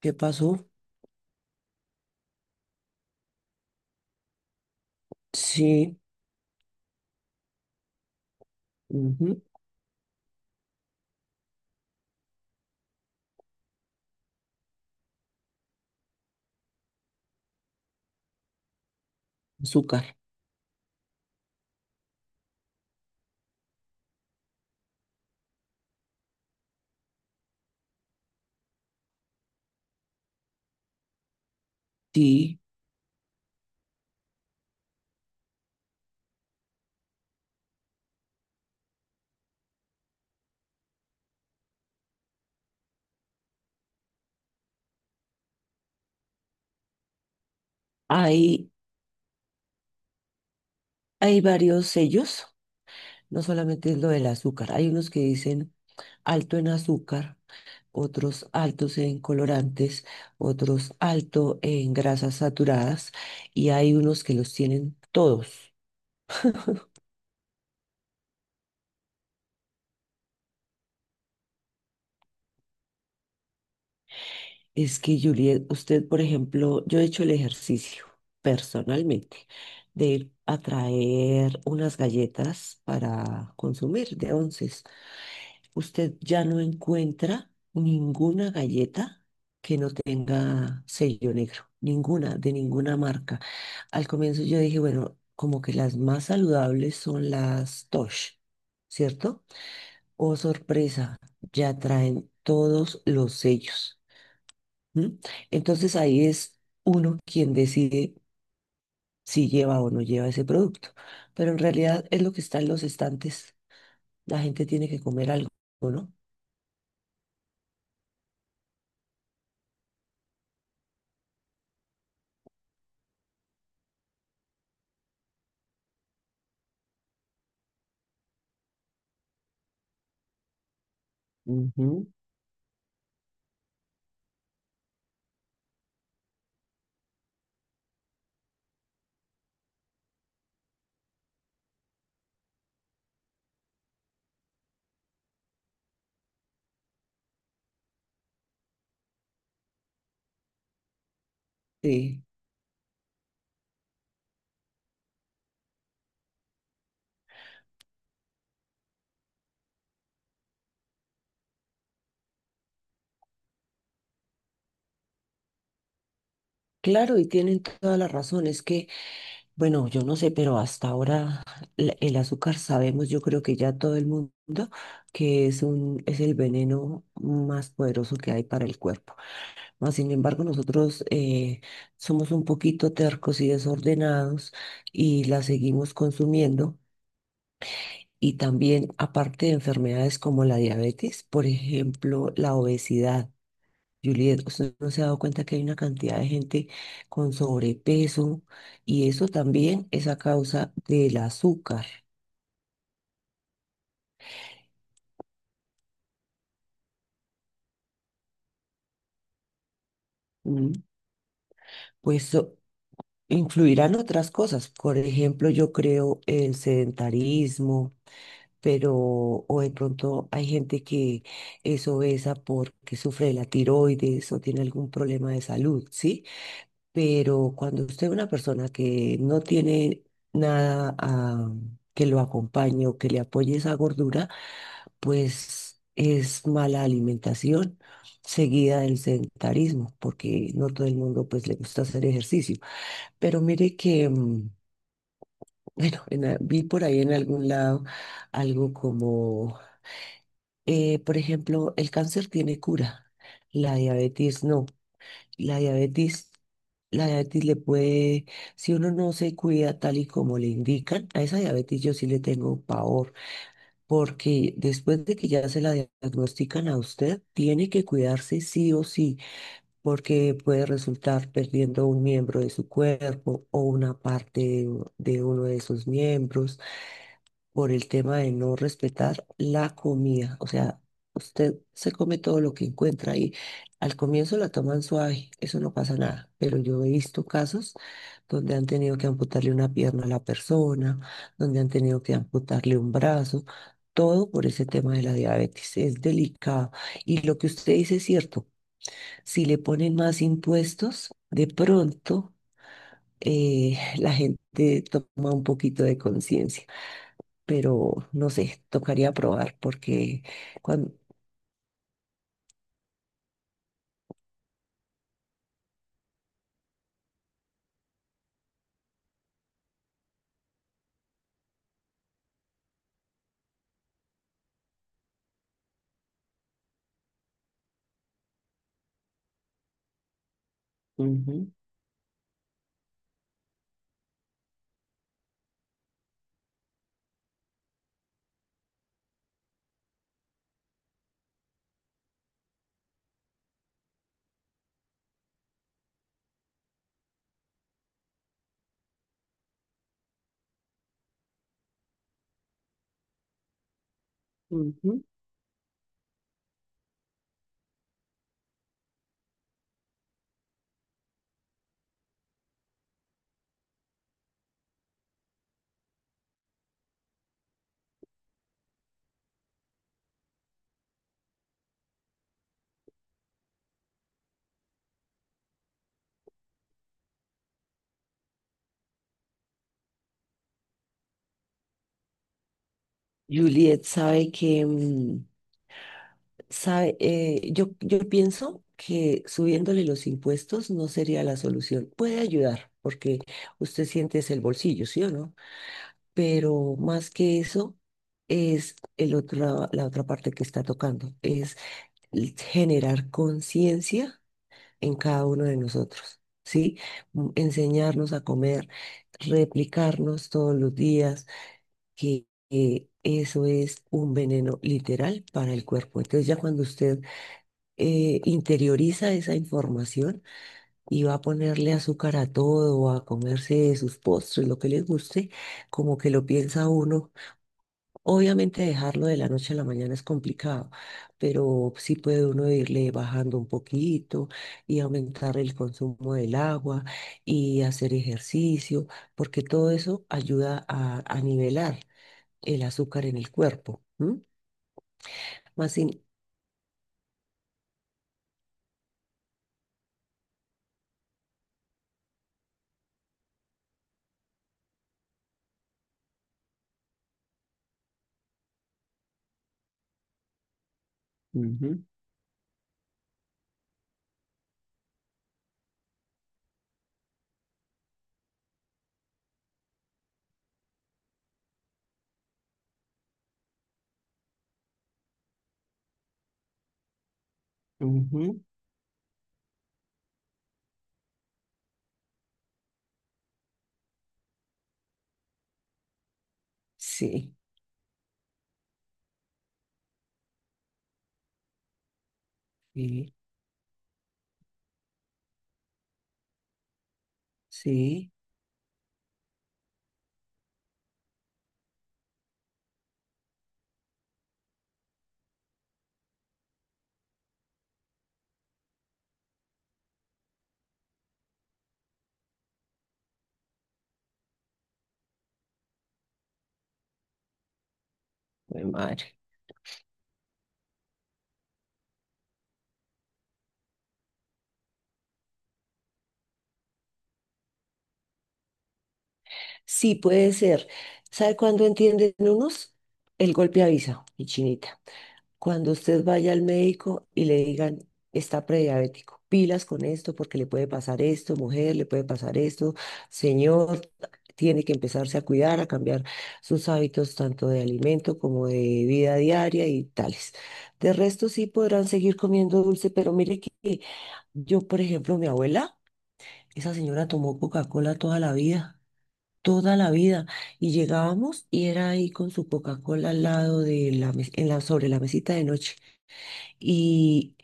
¿Qué pasó? Sí, ujú, azúcar. Sí, hay, hay varios sellos, no solamente es lo del azúcar. Hay unos que dicen alto en azúcar, otros altos en colorantes, otros alto en grasas saturadas y hay unos que los tienen todos. Es que, Juliet, usted, por ejemplo, yo he hecho el ejercicio personalmente, de ir a traer unas galletas para consumir de onces, usted ya no encuentra ninguna galleta que no tenga sello negro, ninguna, de ninguna marca. Al comienzo yo dije, bueno, como que las más saludables son las Tosh, ¿cierto? Oh, sorpresa, ya traen todos los sellos. ¿M? Entonces ahí es uno quien decide si lleva o no lleva ese producto. Pero en realidad es lo que está en los estantes. La gente tiene que comer algo, ¿no? Ujú. Sí. Claro, y tienen toda la razón. Es que, bueno, yo no sé, pero hasta ahora el azúcar sabemos, yo creo que ya todo el mundo, que es un, es el veneno más poderoso que hay para el cuerpo. Mas, sin embargo, nosotros somos un poquito tercos y desordenados y la seguimos consumiendo. Y también, aparte de enfermedades como la diabetes, por ejemplo, la obesidad. Juliet, ¿usted no se ha dado cuenta que hay una cantidad de gente con sobrepeso y eso también es a causa del azúcar? ¿M? Pues so- Influirán otras cosas, por ejemplo, yo creo el sedentarismo, pero o de pronto hay gente que es obesa porque sufre de la tiroides o tiene algún problema de salud, ¿sí? Pero cuando usted es una persona que no tiene nada a- que lo acompañe o que le apoye esa gordura, pues es mala alimentación, seguida del sedentarismo, porque no todo el mundo pues le gusta hacer ejercicio. Pero mire que, bueno, vi por ahí en algún lado algo como, por ejemplo, el cáncer tiene cura, la diabetes no, la diabetes... La diabetes le puede, si uno no se cuida tal y como le indican, a esa diabetes yo sí le tengo pavor, porque después de que ya se la diagnostican a usted, tiene que cuidarse sí o sí, porque puede resultar perdiendo un miembro de su cuerpo o una parte de uno de sus miembros, por el tema de no respetar la comida. O sea, usted se come todo lo que encuentra y al comienzo la toman suave, eso no pasa nada. Pero yo he visto casos donde han tenido que amputarle una pierna a la persona, donde han tenido que amputarle un brazo. Todo por ese tema de la diabetes es delicado. Y lo que usted dice es cierto. Si le ponen más impuestos, de pronto la gente toma un poquito de conciencia, pero no sé, tocaría probar porque cuando... Ujú, ujú. Juliet, sabe que, sabe, yo pienso que subiéndole los impuestos no sería la solución. Puede ayudar porque usted siente es el bolsillo, ¿sí o no? Pero más que eso es el otro, la otra parte que está tocando, es generar conciencia en cada uno de nosotros, ¿sí? Enseñarnos a comer, replicarnos todos los días, que eso es un veneno literal para el cuerpo. Entonces ya cuando usted interioriza esa información y va a ponerle azúcar a todo, a comerse sus postres, lo que le guste, como que lo piensa uno. Obviamente dejarlo de la noche a la mañana es complicado, pero sí puede uno irle bajando un poquito y aumentar el consumo del agua y hacer ejercicio, porque todo eso ayuda a nivelar el azúcar en el cuerpo. ¿M? Más sin... Ujú, ujú. Sí, sí, sí, jue madre. Sí, puede ser. ¿Sabe cuándo entienden unos? El golpe avisa, mi chinita. Cuando usted vaya al médico y le digan, está prediabético, pilas con esto porque le puede pasar esto, mujer, le puede pasar esto, señor, tiene que empezarse a cuidar, a cambiar sus hábitos tanto de alimento como de vida diaria y tales. De resto sí podrán seguir comiendo dulce, pero mire que yo, por ejemplo, mi abuela, esa señora tomó Coca-Cola toda la vida. Toda la vida, y llegábamos y era ahí con su Coca-Cola al lado de la en la, sobre la mesita de noche, y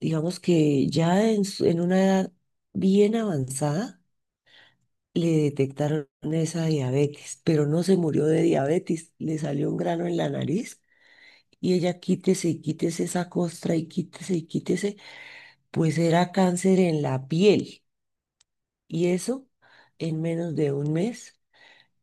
digamos que ya en, en una edad bien avanzada le detectaron esa diabetes, pero no se murió de diabetes, le salió un grano en la nariz y ella quítese y quítese esa costra y quítese, pues era cáncer en la piel, y eso en menos de un mes,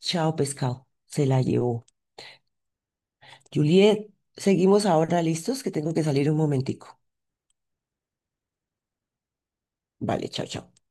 chao pescado, se la llevó. Juliet, seguimos ahora listos que tengo que salir un momentico. Vale, chao, chao.